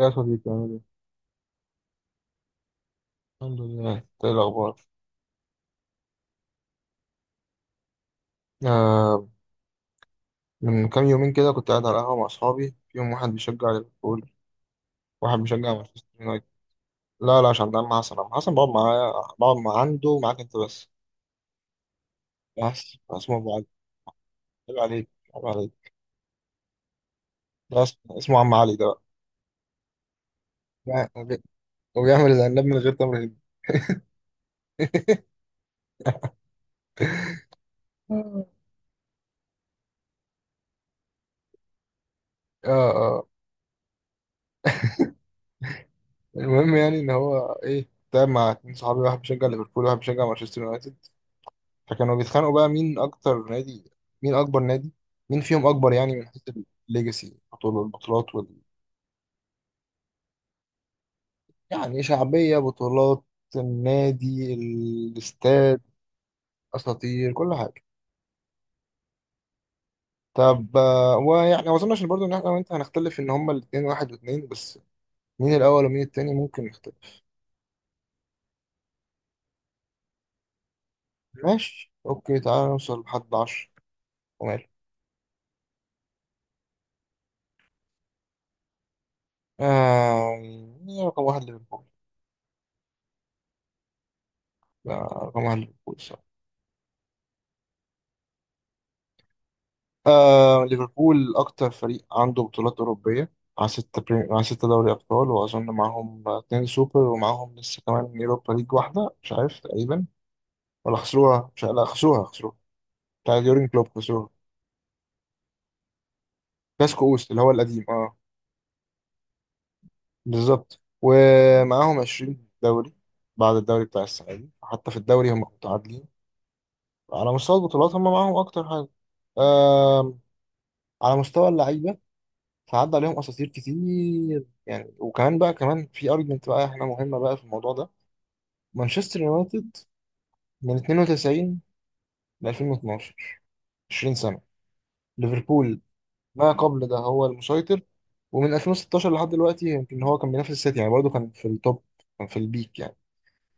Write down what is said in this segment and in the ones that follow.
يا صديقي عامل ايه؟ الحمد لله، إنت ايه الأخبار؟ آه. من كام يومين كده كنت قاعد على القهوة مع أصحابي، فيهم واحد بيشجع ليفربول، واحد بيشجع مانشستر يونايتد. لا لا، عشان ده مع حسن، أنا حسن بقعد معايا، بقعد مع عنده ومعاك أنت بس. بس اسمه أبو علي. عيب عليك، عيب عليك. ده اسمه عم علي ده. بقى وبيعمل العناب من غير تمر هندي. اه. اه. المهم يعني إن هو إيه تعب مع اتنين صحابي، واحد بيشجع ليفربول وواحد بيشجع مانشستر يونايتد، فكانوا بيتخانقوا بقى مين اكتر نادي، مين اكبر نادي، مين فيهم اكبر، يعني من حيث الليجاسي، بطولة البطولات يعني شعبية، بطولات، النادي، الاستاد، اساطير، كل حاجة. طب آه، ويعني ما اظنش برضه ان احنا وانت هنختلف ان هما الاثنين واحد واثنين بس، مين الاول ومين التاني ممكن نختلف. ماشي، اوكي، تعالى نوصل لحد 10. وماله. آه... مين رقم واحد، ليفربول؟ آه، رقم واحد ليفربول. ليفربول أكتر فريق عنده بطولات أوروبية، مع ستة دوري أبطال، وأظن معاهم اتنين سوبر، ومعاهم لسه كمان يوروبا ليج واحدة مش عارف تقريبا، ولا خسروها مش عارف. لا، خسروها خسروها. بتاع يورجن كلوب خسروها، كلاسيكو أوست اللي هو القديم، اه. بالظبط، ومعاهم 20 دوري، بعد الدوري بتاع السنة دي، حتى في الدوري هم متعادلين. على مستوى البطولات هم معاهم أكتر حاجة. آم، على مستوى اللعيبة، فعدى عليهم اساطير كتير يعني. وكمان بقى، كمان في ارجمنت بقى احنا مهمه بقى في الموضوع ده. مانشستر يونايتد من 92 ل 2012، 20 سنه. ليفربول ما قبل ده هو المسيطر، ومن 2016 لحد دلوقتي يمكن هو كان بينافس السيتي، يعني برضه كان في التوب، كان في البيك يعني.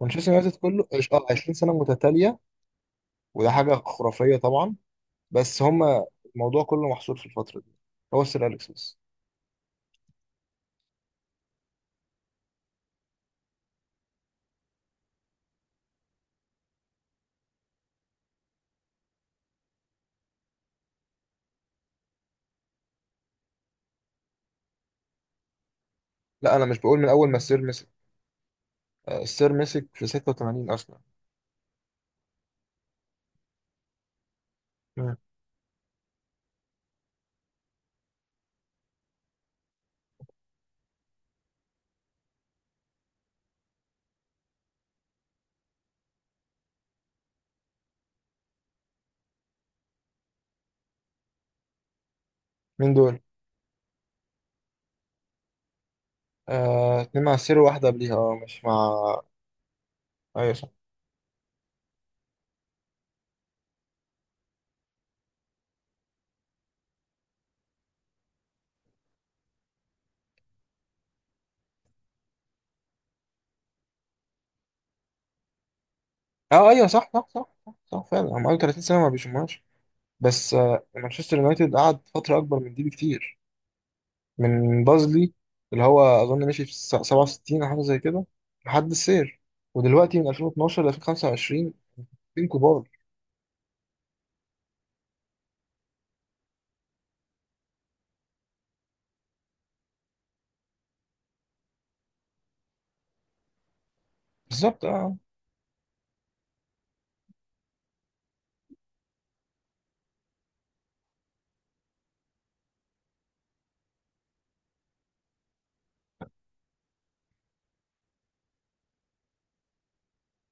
مانشستر يونايتد كله 20 سنه متتاليه، وده حاجه خرافيه طبعا. بس هما الموضوع كله محصور في الفتره دي، هو السير اليكس بس. لا، انا مش بقول من اول ما السير مسك. آه، السير مسك في 86 اصلا. مين دول؟ آه، اتنين مع السير وواحدة قبليها، اه مش مع. ايوه صح. اه ايوه، صح صح صح صح، صح فعلا، هم قالوا 30 سنة ما بيشموهاش. بس آه، مانشستر يونايتد قعد فترة أكبر من دي بكتير، من بازلي اللي هو أظن مشي في 67 أو حاجة زي كده لحد السير. ودلوقتي من 2012 ل 2025، اتنين كبار بالظبط. اه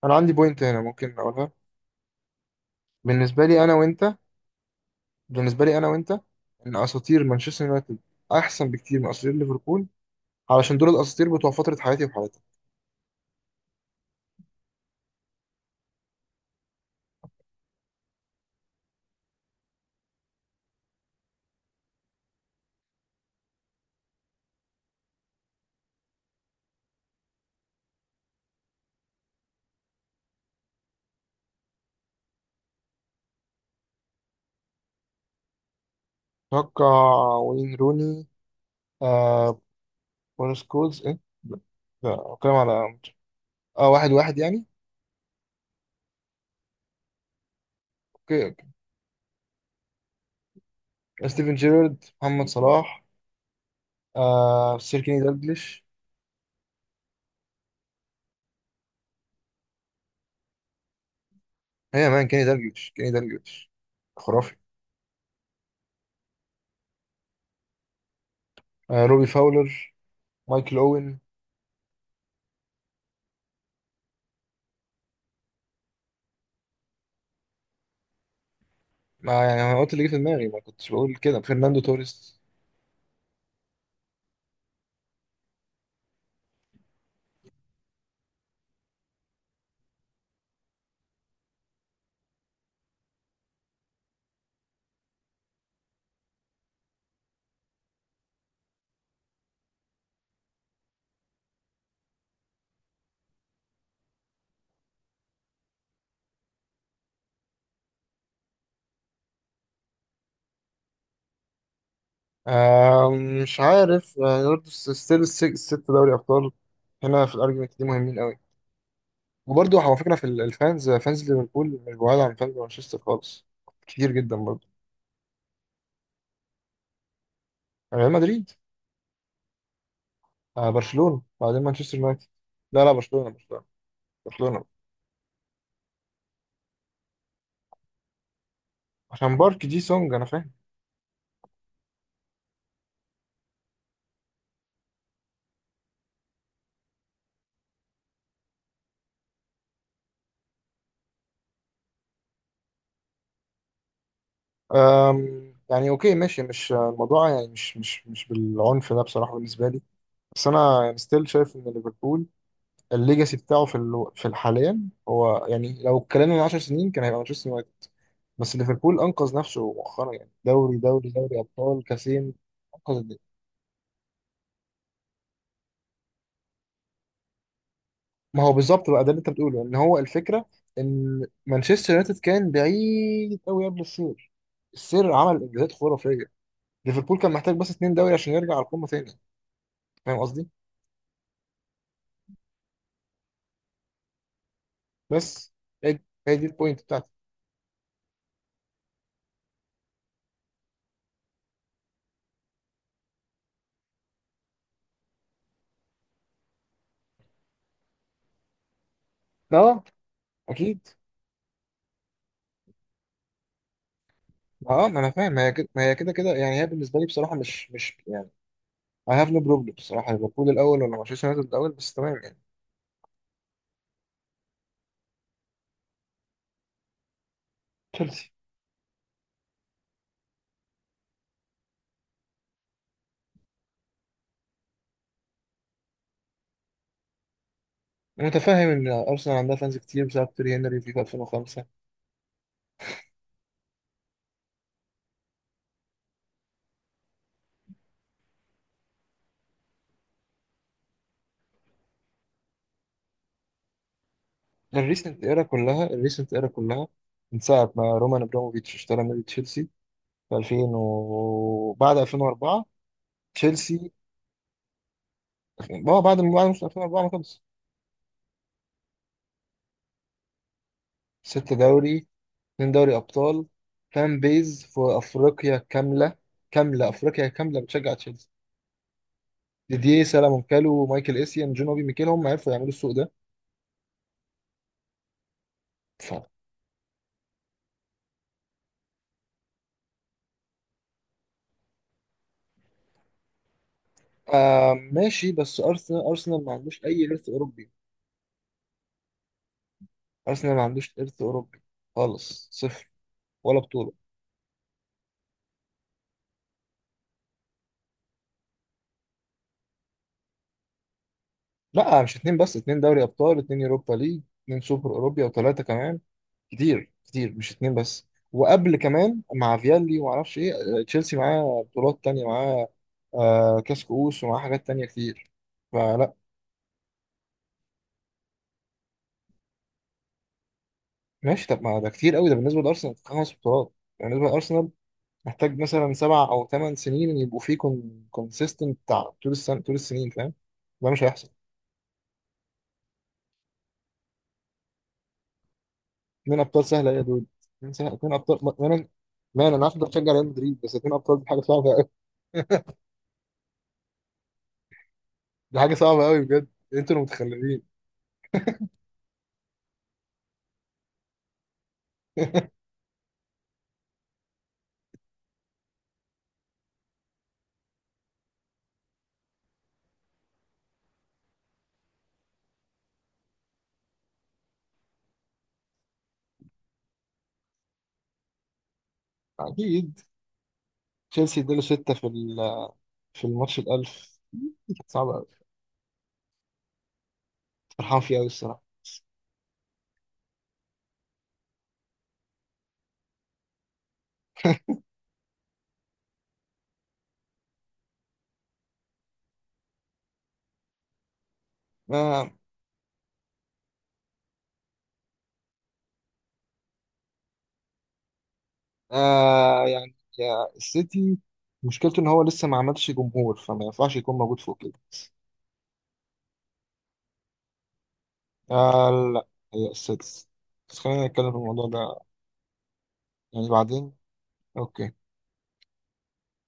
أنا عندي بوينت هنا ممكن أقولها، بالنسبة لي أنا وأنت، بالنسبة لي أنا وأنت، إن أساطير مانشستر يونايتد أحسن بكتير من أساطير ليفربول، علشان دول الأساطير بتوع فترة حياتي وحياتي. اتوقع. وين روني؟ آه. بون سكولز ايه؟ لا. لا، بتكلم على اه، واحد واحد يعني. اوكي اوكي. ستيفن جيرارد، محمد صلاح، آه سير كيني دالجليش. هي مان كيني دالجليش، كيني دالجليش، خرافي. آه، روبي فاولر، مايكل اوين. ما يعني انا قلت اللي جه في دماغي، ما كنتش بقول كده، فرناندو توريس. آه مش عارف، برضه ستيل الست دوري ابطال هنا في الارجيومنت دي مهمين قوي. وبرضه على فكرة، في ال- الفانز فانز ليفربول مش بعاد عن فانز مانشستر خالص، كتير جدا برضه. ريال مدريد، آه برشلونة، بعدين مانشستر يونايتد. لا لا، برشلونة، برشلونة. برشلونة عشان بارك جي سونج، أنا فاهم. يعني أوكي ماشي، مش الموضوع يعني، مش بالعنف ده بصراحة بالنسبة لي. بس أنا يعني ستيل شايف إن ليفربول الليجاسي بتاعه في في الحاليا. هو يعني لو اتكلمنا من 10 سنين كان هيبقى مانشستر يونايتد، بس ليفربول أنقذ نفسه مؤخرا، يعني دوري أبطال كاسين. انقذ. ما هو بالظبط بقى، ده اللي انت بتقوله، ان هو الفكره ان مانشستر يونايتد كان بعيد قوي قبل السير، السير عمل انجازات خرافيه. ليفربول كان محتاج بس اتنين دوري عشان يرجع على القمه تاني، فاهم قصدي؟ بس هي، هي دي البوينت بتاعتي. اه اكيد. اه ما انا فاهم، ما هي كده ما هي كده كده يعني. هي بالنسبه لي بصراحه مش يعني، I have no problem بصراحه، ليفربول الاول ولا مانشستر يونايتد الاول، بس تمام يعني. تشيلسي. أنا متفاهم ان ارسنال عندها فانز كتير بسبب تيري هنري في 2005. الريسنت ايرا كلها، الريسنت ايرا كلها، من ساعه ما رومان ابراموفيتش اشترى نادي تشيلسي في 2000، وبعد 2004. تشيلسي اه، بعد ما بعد موسم 2004 ما خلص. ست دوري، اتنين دوري ابطال. فان بيز في افريقيا كامله، كامله افريقيا كامله بتشجع تشيلسي. ديديه سالامونكالو ومايكل اسيان جون اوبي ميكيل هم عرفوا يعملوا السوق ده. ف... آه ماشي، بس ارسنال ما عندوش اي ارث اوروبي، ارسنال ما عندوش ارث اوروبي خالص، صفر، ولا بطوله. لا مش اتنين بس، اتنين دوري ابطال، اتنين يوروبا ليج، اتنين سوبر اوروبا، وثلاثه كمان، كتير كتير، مش اتنين بس. وقبل كمان مع فيالي وما اعرفش ايه، تشيلسي معاه بطولات تانية، معاه آه كاس كؤوس، ومعاه حاجات تانية كتير، فلا. ماشي طب، ما ده كتير قوي ده بالنسبه لارسنال خمس بطولات يعني، بالنسبه لارسنال محتاج مثلا سبع او ثمان سنين إن يبقوا فيه كونسيستنت بتاع طول السنه، طول السنين، فاهم؟ ده مش هيحصل. اتنين ابطال سهله يا دود، اتنين ابطال ما انا، ما أنا عارف إنت بتشجع ريال مدريد، بس اتنين ابطال دي حاجه صعبه، دي حاجة صعبة قوي بجد. انتوا المتخلفين. اكيد. تشيلسي اداله ستة في في الماتش الألف، صعبة قوي، فرحان فيه قوي الصراحة. آه. آه يعني يا السيتي، مشكلته ان هو لسه ما عملش جمهور، فما ينفعش يكون موجود فوق كده. آه لا. هي السادس. بس خلينا نتكلم في الموضوع ده، يعني بعدين. اوكي.